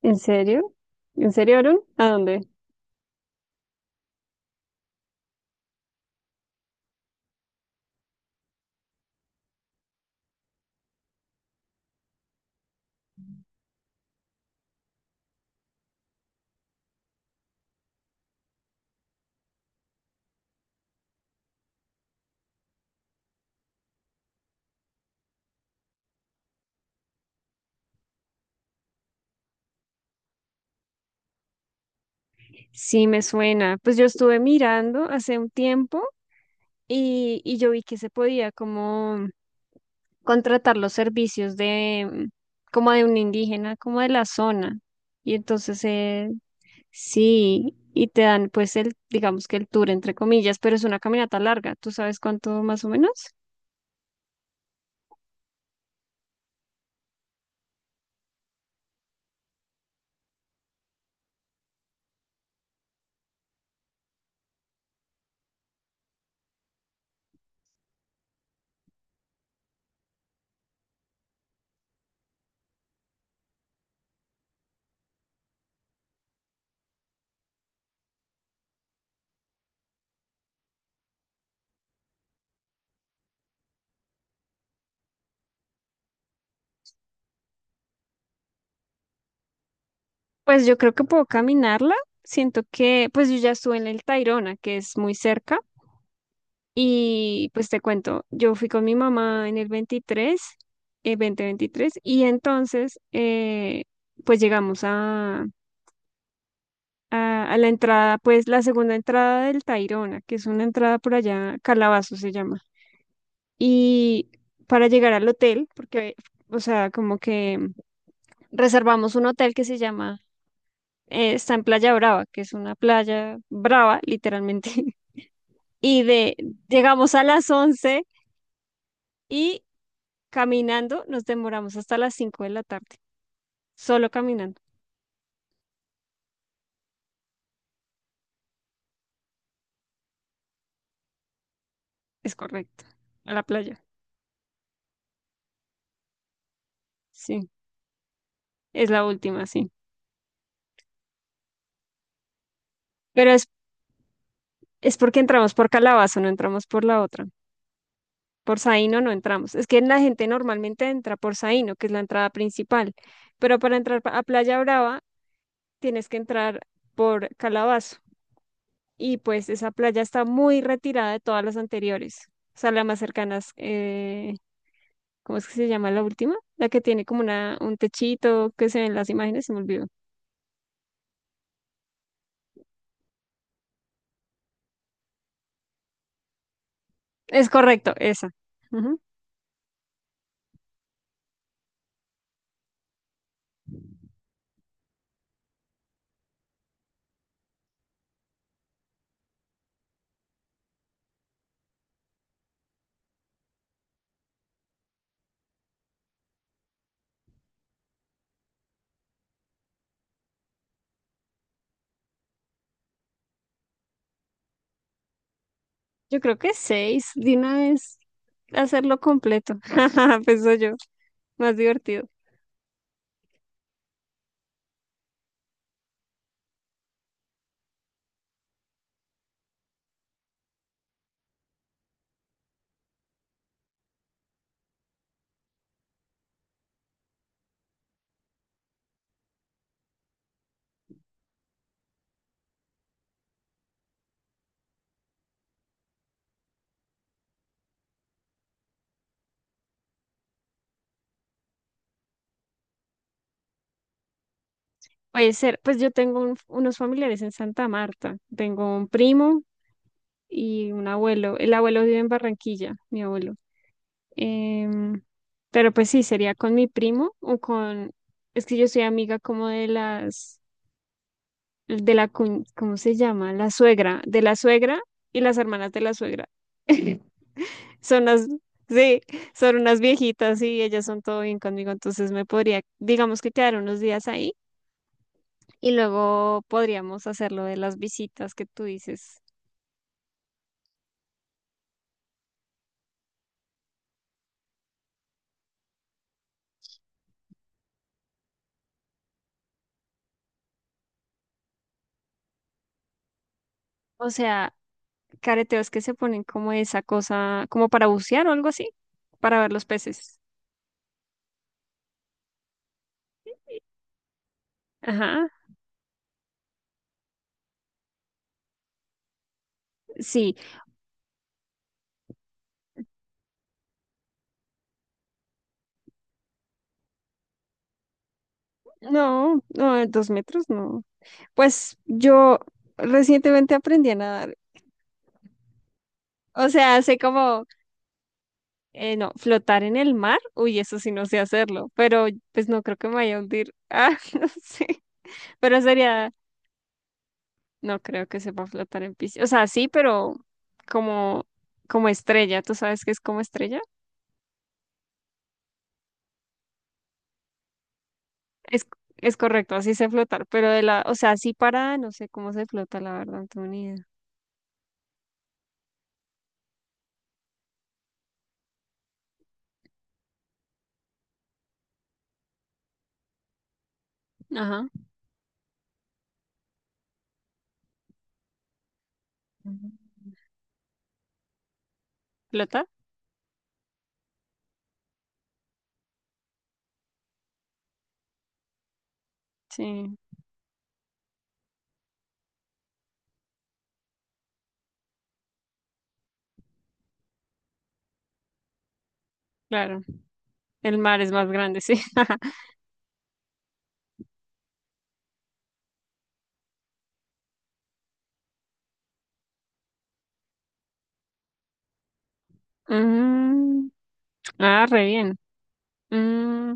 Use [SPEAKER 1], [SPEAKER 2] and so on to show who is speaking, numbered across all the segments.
[SPEAKER 1] ¿En serio? ¿En serio, Aaron? ¿A dónde? Sí, me suena. Pues yo estuve mirando hace un tiempo y yo vi que se podía como contratar los servicios de como de un indígena, como de la zona. Y entonces sí, y te dan pues el, digamos que el tour entre comillas, pero es una caminata larga. ¿Tú sabes cuánto más o menos? Pues yo creo que puedo caminarla. Siento que, pues yo ya estuve en el Tayrona, que es muy cerca. Y pues te cuento, yo fui con mi mamá en el 23, el 2023. Y entonces pues llegamos a la entrada, pues la segunda entrada del Tayrona, que es una entrada por allá, Calabazo se llama. Y para llegar al hotel, porque, o sea, como que reservamos un hotel que se llama, está en Playa Brava, que es una playa brava, literalmente. Y de, Llegamos a las 11 y caminando nos demoramos hasta las 5 de la tarde, solo caminando, es correcto, a la playa, sí, es la última, sí, pero es porque entramos por Calabazo, no entramos por la otra, por Saíno no entramos, es que la gente normalmente entra por Saíno, que es la entrada principal, pero para entrar a Playa Brava tienes que entrar por Calabazo y pues esa playa está muy retirada de todas las anteriores. O sea, la más cercana, ¿cómo es que se llama la última? La que tiene como una, un techito que se ven las imágenes, se me olvidó. Es correcto, esa. Ujú. Yo creo que seis, de una vez hacerlo completo. Jajaja, pensó yo, más divertido. Puede ser, pues yo tengo unos familiares en Santa Marta. Tengo un primo y un abuelo. El abuelo vive en Barranquilla, mi abuelo. Em, pero pues sí, sería con mi primo o con... Es que yo soy amiga como de las de la, cuñ- ¿cómo se llama? La suegra, de la suegra y las hermanas de la suegra. Son las, sí, son unas viejitas y ellas son todo bien conmigo, entonces me podría, digamos que quedar unos días ahí y luego podríamos hacer lo de las visitas que tú dices. O sea, careteos que se ponen como esa cosa, como para bucear o algo así, para ver los peces. Ajá, sí. No, no, 2 metros no. Pues yo recientemente aprendí a nadar. O sea, sé como... no, flotar en el mar, uy, eso sí no sé hacerlo, pero pues no creo que me vaya a hundir. Ah, no sé, pero sería, no creo que sepa flotar en piscina. O sea, sí, pero como, como estrella, ¿tú sabes qué es como estrella? Es, es correcto, así sé flotar, pero de la, o sea, así para, no sé cómo se flota, la verdad, no tengo ni idea. Ajá. Ujú. ¿Flota? Sí, claro. El mar es más grande, sí. Mm, ah, re bien. Mm,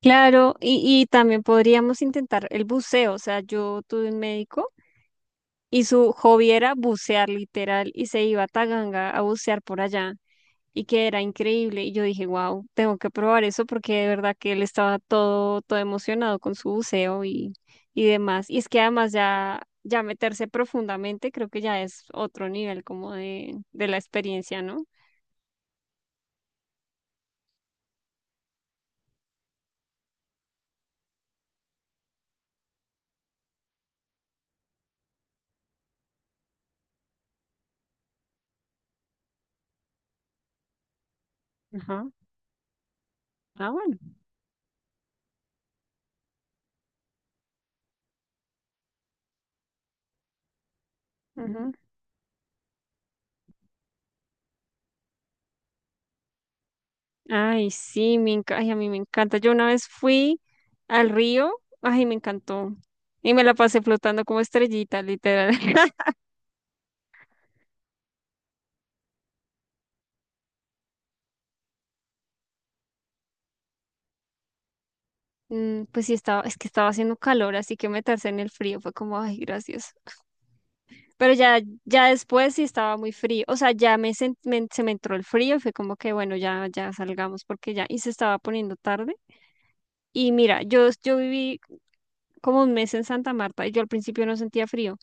[SPEAKER 1] claro, y también podríamos intentar el buceo. O sea, yo tuve un médico y su hobby era bucear literal y se iba a Taganga a bucear por allá y que era increíble. Y yo dije, wow, tengo que probar eso porque de verdad que él estaba todo, todo emocionado con su buceo y demás. Y es que además ya, ya meterse profundamente creo que ya es otro nivel como de la experiencia, ¿no? Ajá. Ah, bueno. Ay, sí, ay, a mí me encanta. Yo una vez fui al río, ay, me encantó. Y me la pasé flotando como estrellita, literal. Mm, pues sí, estaba, es que estaba haciendo calor, así que meterse en el frío fue como, ay, gracias. Pero ya, ya después sí estaba muy frío. O sea, ya me, se me entró el frío y fue como que, bueno, ya, ya salgamos porque ya, y se estaba poniendo tarde. Y mira, yo viví como un mes en Santa Marta y yo al principio no sentía frío.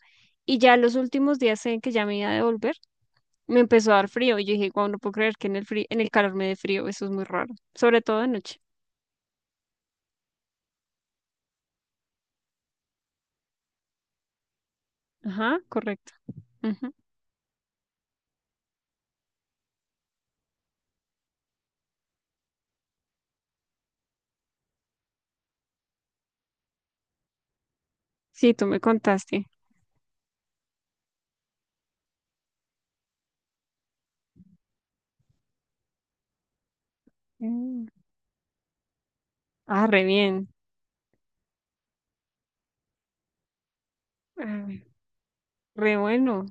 [SPEAKER 1] Y ya los últimos días en que ya me iba a devolver me empezó a dar frío y yo dije, wow, no puedo creer que en el frío, en el calor me dé frío, eso es muy raro, sobre todo de noche. Ajá, correcto. Ujú. Sí, tú me contaste. Mm. Ah, re bien. Ah, re bueno.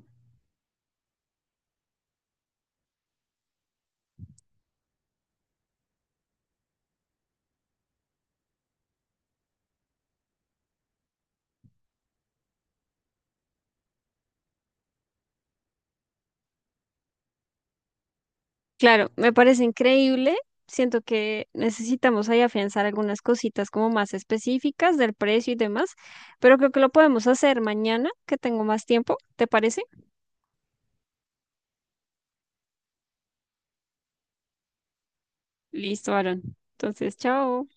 [SPEAKER 1] Claro, me parece increíble. Siento que necesitamos ahí afianzar algunas cositas como más específicas del precio y demás, pero creo que lo podemos hacer mañana, que tengo más tiempo. ¿Te parece? Listo, Aaron. Entonces, chao.